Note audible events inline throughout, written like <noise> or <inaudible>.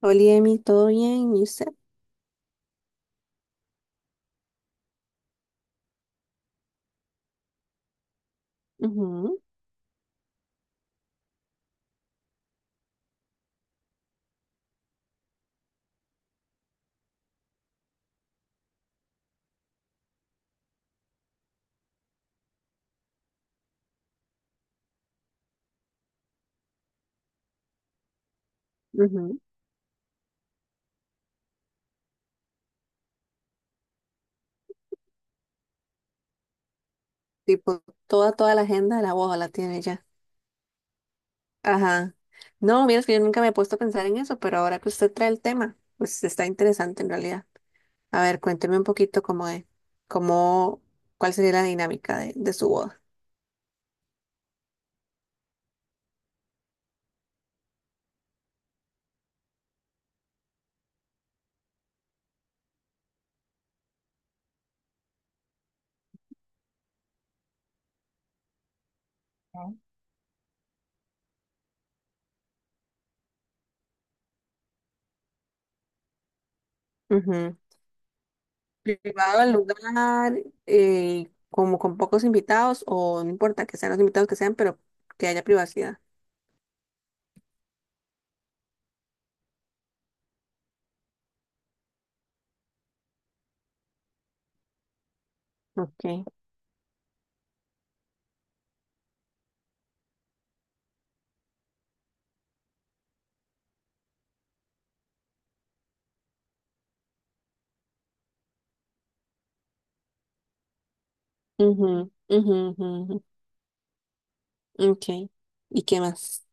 Oli, Emi, ¿todo bien? ¿Y usted? Ujú, ujú. Tipo, toda la agenda de la boda la tiene ya. Ajá. No, mira, es que yo nunca me he puesto a pensar en eso, pero ahora que usted trae el tema, pues está interesante en realidad. A ver, cuénteme un poquito cómo, cuál sería la dinámica de su boda. Ujú. Privado el lugar, como con pocos invitados, o no importa que sean los invitados que sean, pero que haya privacidad. Ok. Ujú, ujú, ujú, ujú. Ok. ¿Y qué más?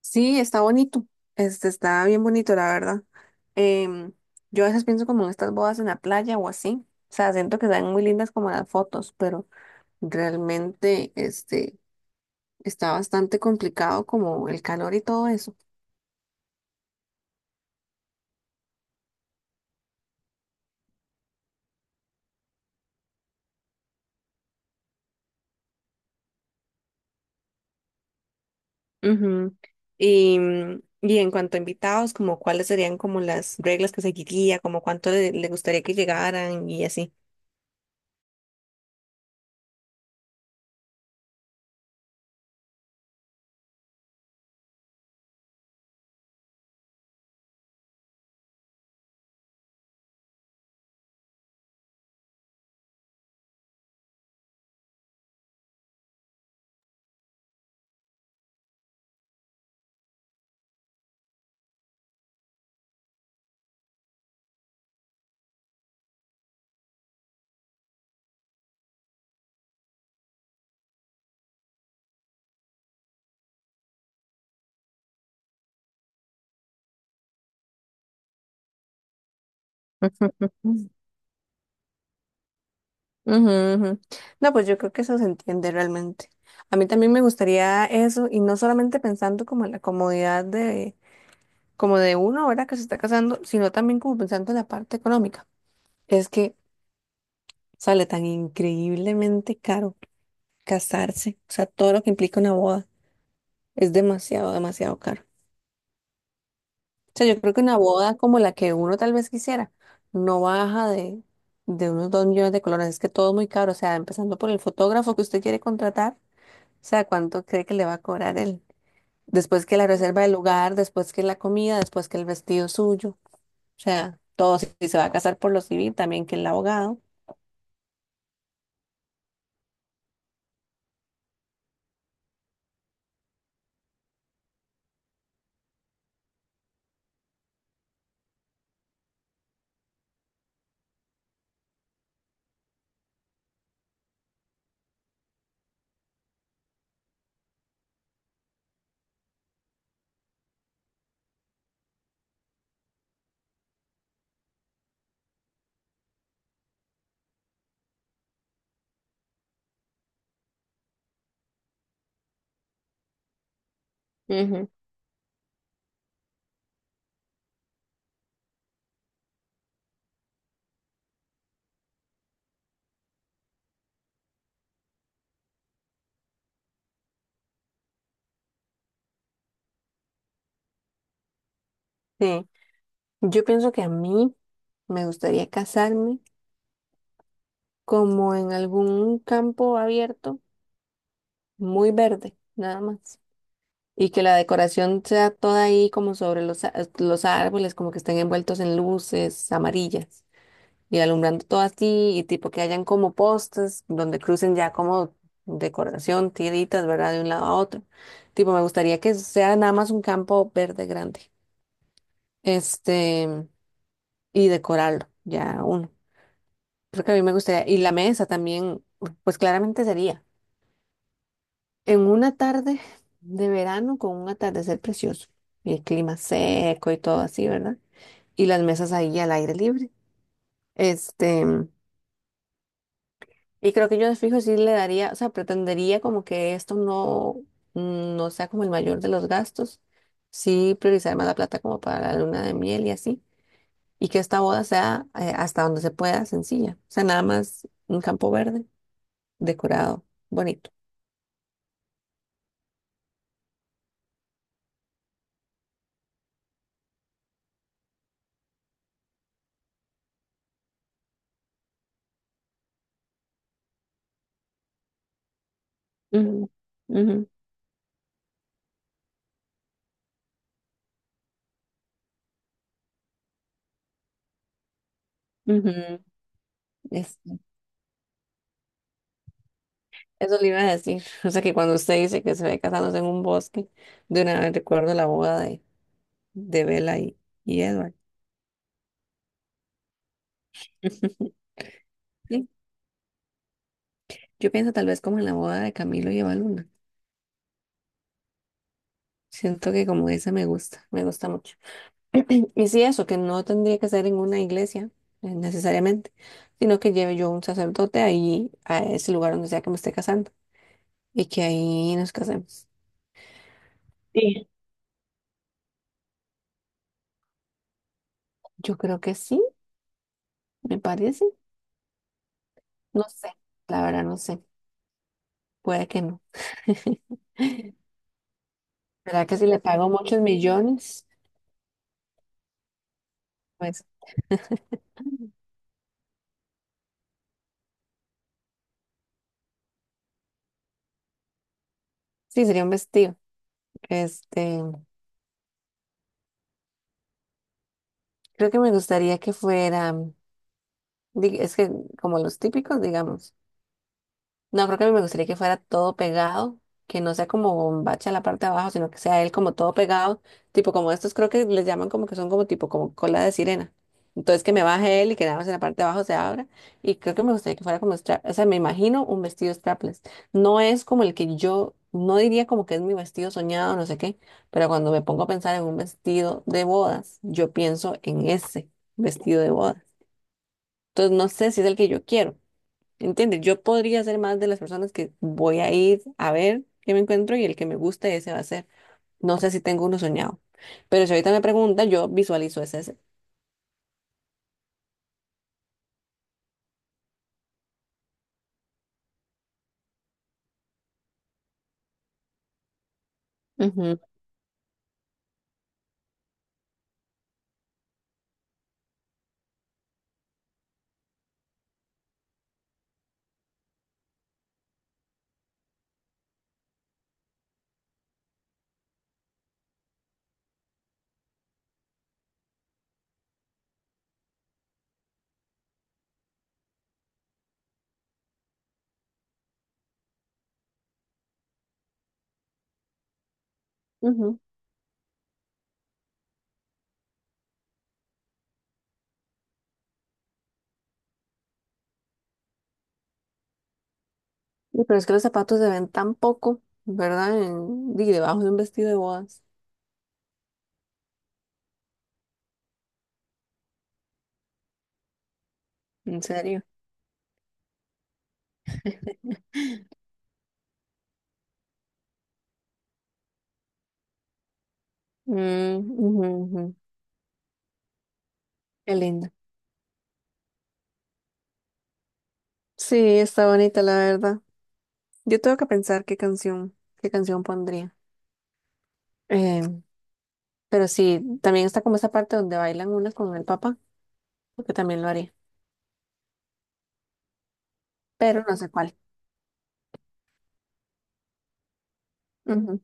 Sí, está bonito. Este está bien bonito, la verdad. Em, yo a veces pienso como en estas bodas en la playa o así. O sea, siento que están muy lindas como en las fotos, pero realmente este está bastante complicado como el calor y todo eso. Ujú. Y en cuanto a invitados, como cuáles serían como las reglas que seguiría, como cuánto le gustaría que llegaran y así. <laughs> Ujú, ujú. No, pues yo creo que eso se entiende realmente. A mí también me gustaría eso, y no solamente pensando como en la comodidad de, como de uno ahora que se está casando, sino también como pensando en la parte económica. Es que sale tan increíblemente caro casarse, o sea, todo lo que implica una boda es demasiado, demasiado caro. O sea, yo creo que una boda como la que uno tal vez quisiera no baja de unos 2 millones de colones, es que todo es muy caro, o sea, empezando por el fotógrafo que usted quiere contratar sea, ¿cuánto cree que le va a cobrar él? Después que la reserva del lugar, después que la comida, después que el vestido suyo. O sea, todo si se va a casar por lo civil, también que el abogado. Ujú. Sí, yo pienso que a mí me gustaría casarme como en algún campo abierto, muy verde, nada más. Y que la decoración sea toda ahí como sobre los árboles, como que estén envueltos en luces amarillas. Y alumbrando todo así y tipo que hayan como postes donde crucen ya como decoración, tiritas, ¿verdad? De un lado a otro. Tipo, me gustaría que sea nada más un campo verde grande. Este, y decorarlo, ya uno. Creo que a mí me gustaría. Y la mesa también, pues claramente sería en una tarde de verano con un atardecer precioso y el clima seco y todo así, ¿verdad? Y las mesas ahí al aire libre. Este. Y creo que yo de fijo sí le daría, o sea, pretendería como que esto no sea como el mayor de los gastos, sí priorizar más la plata como para la luna de miel y así, y que esta boda sea hasta donde se pueda sencilla, o sea, nada más un campo verde, decorado, bonito. Ujú, ujú, ujú. Es- eso le iba a decir, <laughs> o sea, que cuando usted dice que se ve casándose en un bosque, de una vez recuerdo la boda de Bella y Edward. <laughs> Sí, yo pienso tal vez como en la boda de Camilo y Evaluna. Siento que como esa me gusta mucho. <clears throat> Y sí, eso, que no tendría que ser en una iglesia necesariamente, sino que lleve yo un sacerdote ahí a ese lugar donde sea que me esté casando y que ahí nos casemos. Sí. Yo creo que sí, me parece. No sé, la verdad no sé. Puede que no. <laughs> ¿Verdad que si le pago muchos millones? Pues sí, sería un vestido. Este, creo que me gustaría que fuera, es que como los típicos, digamos. No, creo que me gustaría que fuera todo pegado, que no sea como bombacha en la parte de abajo, sino que sea él como todo pegado, tipo como estos creo que les llaman como que son como tipo como cola de sirena. Entonces que me baje él y que nada más en la parte de abajo se abra. Y creo que me gustaría que fuera como strap, o sea, me imagino un vestido strapless. No es como el que yo, no diría como que es mi vestido soñado, no sé qué, pero cuando me pongo a pensar en un vestido de bodas, yo pienso en ese vestido de bodas. Entonces no sé si es el que yo quiero. ¿Entiendes? Yo podría ser más de las personas que voy a ir a ver qué me encuentro y el que me guste, ese va a ser. No sé si tengo uno soñado. Pero si ahorita me pregunta, yo visualizo ese. Ese. Ujú, ujú. Y pero es que los zapatos se ven tan poco, ¿verdad? Di, debajo de un vestido de bodas. En serio. <laughs> Mm, ujú, ujú. Qué lindo. Sí, está bonita, la verdad. Yo tengo que pensar qué canción pondría. Em, pero sí, también está como esa parte donde bailan unas con el papá, porque también lo haría, pero no sé cuál. Ujú.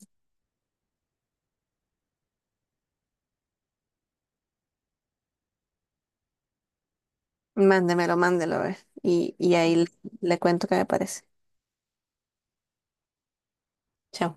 Mándemelo, mándelo, a ver. Y ahí le cuento qué me parece. Chao.